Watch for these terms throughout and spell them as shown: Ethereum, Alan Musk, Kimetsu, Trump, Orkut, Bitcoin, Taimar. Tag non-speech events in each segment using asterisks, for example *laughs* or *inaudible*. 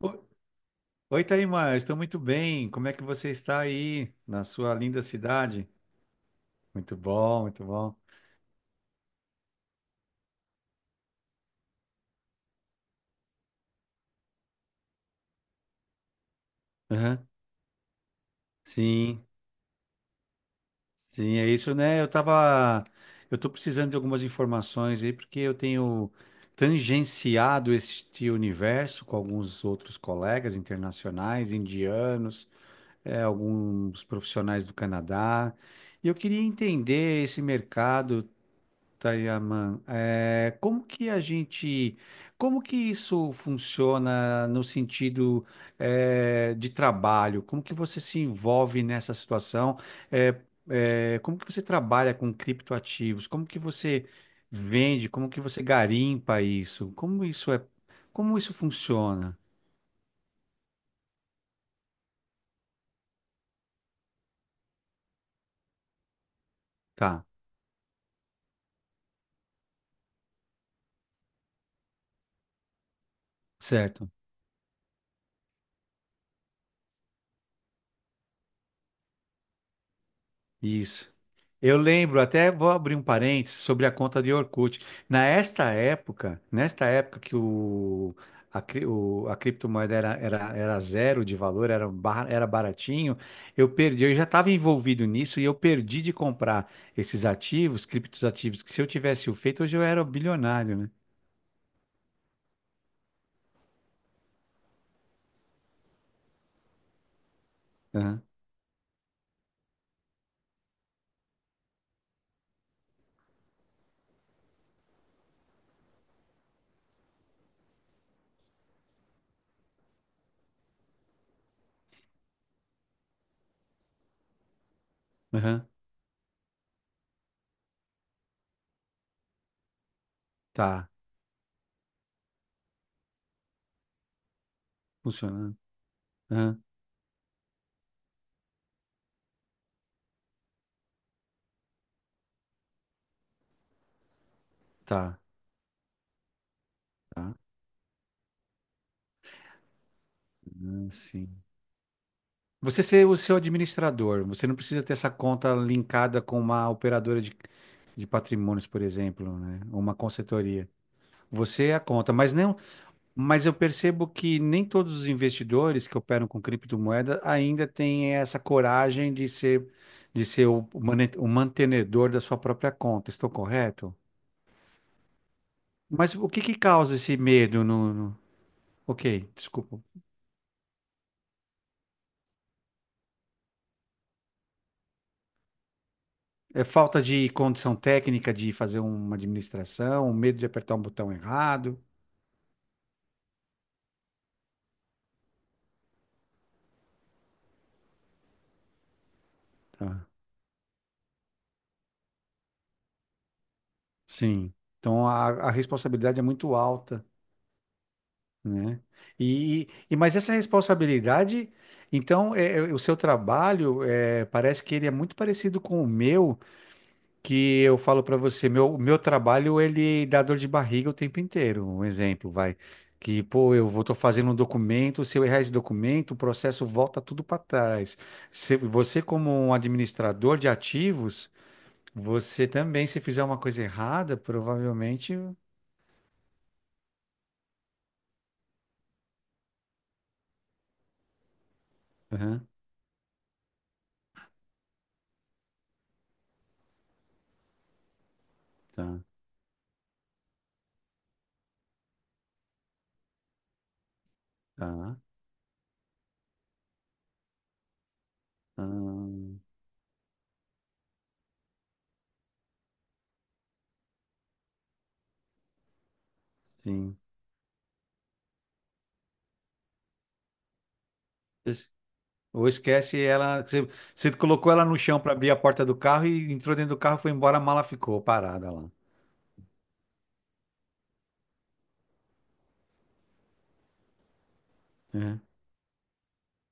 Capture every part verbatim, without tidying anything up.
O- Oi, Taimar, estou muito bem. Como é que você está aí na sua linda cidade? Muito bom, muito bom. Aham. Sim, sim, é isso, né? Eu tava, eu tô precisando de algumas informações aí porque eu tenho tangenciado este universo com alguns outros colegas internacionais, indianos, eh, alguns profissionais do Canadá. E eu queria entender esse mercado. Tayaman, é, como que a gente, como que isso funciona no sentido é, de trabalho? Como que você se envolve nessa situação? É, é, como que você trabalha com criptoativos? Como que você vende? Como que você garimpa isso? Como isso é, como isso funciona? Tá, certo. Isso. Eu lembro, até vou abrir um parênteses sobre a conta de Orkut. Nesta época, nesta época que o, a, cri- o- a criptomoeda era, era, era zero de valor, era, bar- era baratinho. Eu perdi, eu já estava envolvido nisso e eu perdi de comprar esses ativos, criptos ativos, que se eu tivesse o feito, hoje eu era bilionário, né? Aham, aham, tá, funcionando. Aham, tá, tá. Ah, sim. Você ser o seu administrador, você não precisa ter essa conta linkada com uma operadora de, de patrimônios, por exemplo, né? Ou uma consultoria. Você é a conta, mas não, Mas eu percebo que nem todos os investidores que operam com criptomoeda ainda têm essa coragem de ser, de ser o, mane- o mantenedor da sua própria conta. Estou correto? Mas o que que causa esse medo no, no- Ok, desculpa. É falta de condição técnica de fazer uma administração, um medo de apertar um botão errado. Tá. Sim. Então a, a responsabilidade é muito alta, né? E, e mas essa responsabilidade, então é, é, o seu trabalho é, parece que ele é muito parecido com o meu, que eu falo para você, meu meu trabalho ele dá dor de barriga o tempo inteiro. Um exemplo, vai. Que, pô, eu vou tô fazendo um documento, se eu errar esse documento, o processo volta tudo para trás. Se, você, como um administrador de ativos, você também, se fizer uma coisa errada, provavelmente. Aham, tá, tá. Ahn, sim. Es- Ou esquece ela. Você, você colocou ela no chão para abrir a porta do carro e entrou dentro do carro, foi embora, a mala ficou parada lá. É,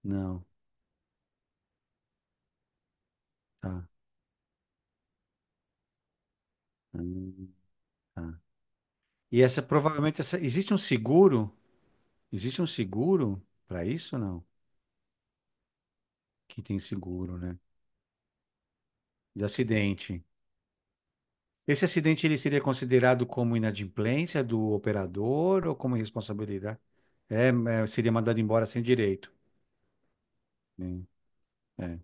não, tá. Hum, tá. E essa provavelmente essa, existe um seguro? Existe um seguro para isso, não? Que tem seguro, né? De acidente. Esse acidente ele seria considerado como inadimplência do operador ou como responsabilidade? É, é, seria mandado embora sem direito. Né? é.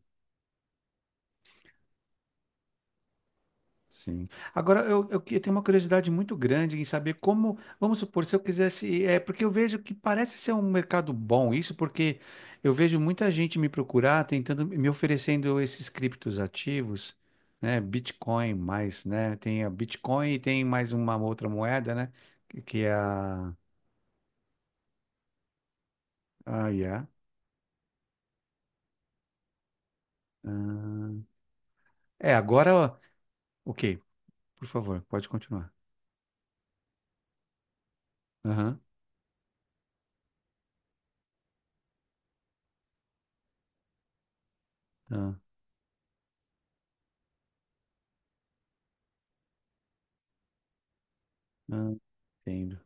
Sim. Agora, eu, eu, que- eu tenho uma curiosidade muito grande em saber como, vamos supor, se eu quisesse, é, porque eu vejo que parece ser um mercado bom isso, porque eu vejo muita gente me procurar, tentando, me oferecendo esses criptos ativos, né, Bitcoin mais, né, tem a Bitcoin e tem mais uma outra moeda, né, que, que é a, ah, yeah. Ah, é, agora, ok, por favor, pode continuar. Aham, tá, ah, entendo.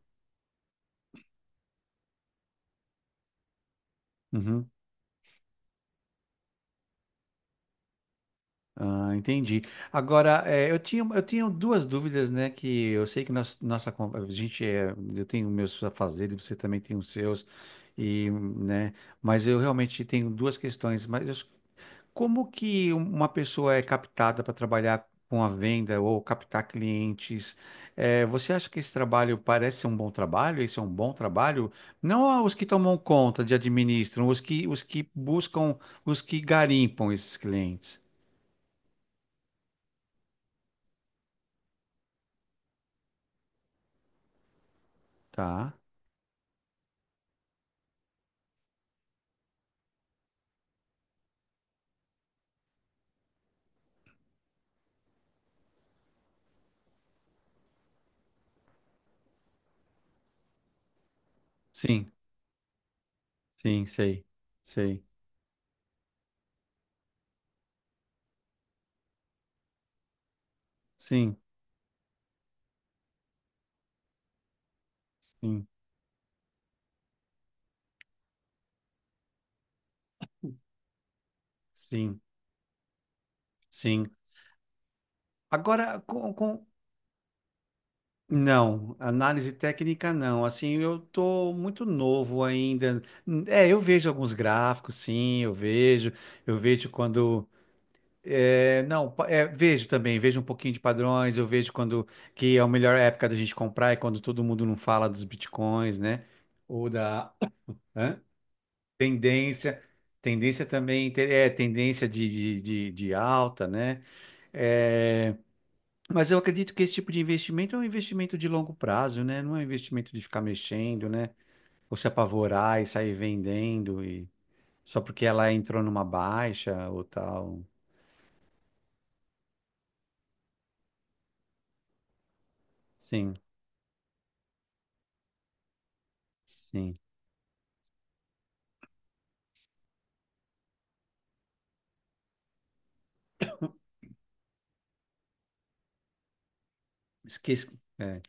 Uhum. Ah, entendi. Agora, eh, eu tinha, eu tinha duas dúvidas, né? Que eu sei que nós, nossa, con- a gente é, eu tenho meus afazeres, você também tem os seus, e, né? Mas eu realmente tenho duas questões. Mas eu- como que uma pessoa é captada para trabalhar com a venda ou captar clientes? Eh, você acha que esse trabalho parece ser um bom trabalho? Esse é um bom trabalho? Não os que tomam conta de administram, os que, os que buscam, os que garimpam esses clientes, tá? Sim, sim, sei, sei. Sim, sim, sim, sim. Agora, com, com... Não, análise técnica não. Assim, eu tô muito novo ainda. É, eu vejo alguns gráficos, sim, eu vejo. Eu vejo quando... é, não, pa- é, vejo também, vejo um pouquinho de padrões, eu vejo quando que é a melhor época da gente comprar é quando todo mundo não fala dos bitcoins, né? Ou da... Hã? Tendência, tendência também, te- é, tendência de, de, de, de alta, né? É, mas eu acredito que esse tipo de investimento é um investimento de longo prazo, né? Não é um investimento de ficar mexendo, né? Ou se apavorar e sair vendendo e só porque ela entrou numa baixa ou tal. Sim, sim. Esqueci. É.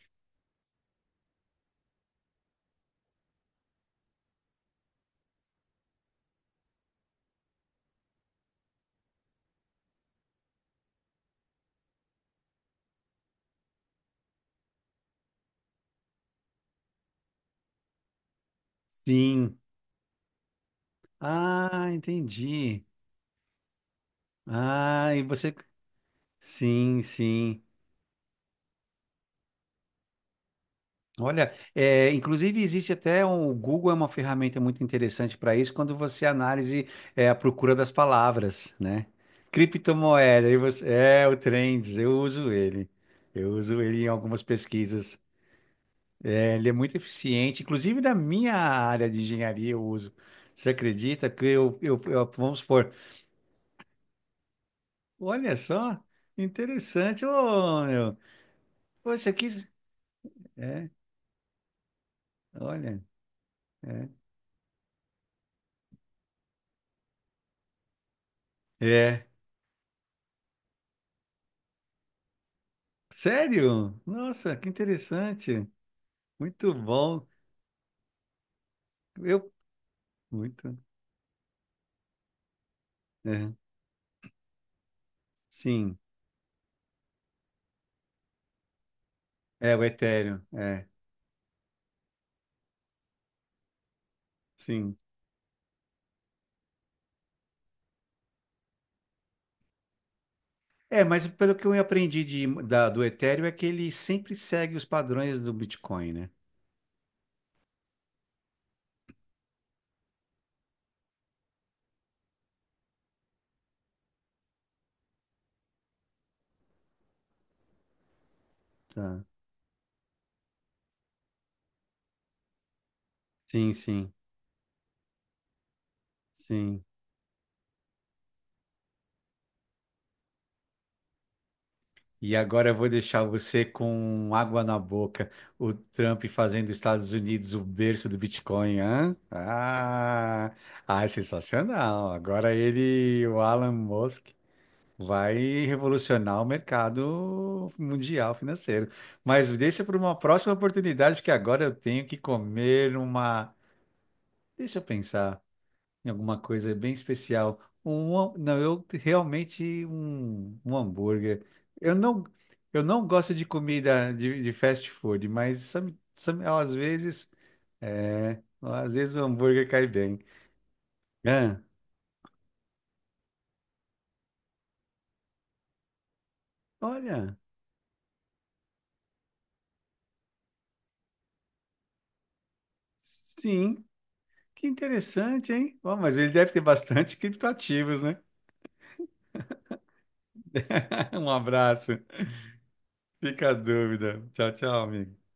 Sim. Ah, entendi. Ah, e você. Sim, sim. Olha, é, inclusive existe até um, o Google é uma ferramenta muito interessante para isso quando você analise é, a procura das palavras, né? Criptomoeda, aí você, é o Trends, eu uso ele. Eu uso ele em algumas pesquisas. É, ele é muito eficiente, inclusive na minha área de engenharia eu uso. Você acredita que eu, eu, eu- vamos supor, olha só, interessante, ô meu. Poxa, que. É, olha. É. Sério? Nossa, que interessante. Muito bom. Eu, muito. É, sim. É, o Ethereum. É, sim. É, mas pelo que eu aprendi de, da, do Ethereum é que ele sempre segue os padrões do Bitcoin, né? Tá. Sim, sim, sim. E agora eu vou deixar você com água na boca. O Trump fazendo Estados Unidos o berço do Bitcoin, hã? Ah, ah, é sensacional. Agora ele, o Alan Musk, vai revolucionar o mercado mundial financeiro. Mas deixa para uma próxima oportunidade, porque agora eu tenho que comer uma. Deixa eu pensar em alguma coisa bem especial. Um, ham- não, eu realmente um, um hambúrguer. Eu não, eu não gosto de comida de, de fast food, mas some- some- às vezes, é, às vezes o hambúrguer cai bem. Ah, olha, sim. Que interessante, hein? Ó, mas ele deve ter bastante criptoativos, né? *laughs* Um abraço. Fica a dúvida. Tchau, tchau, amigo.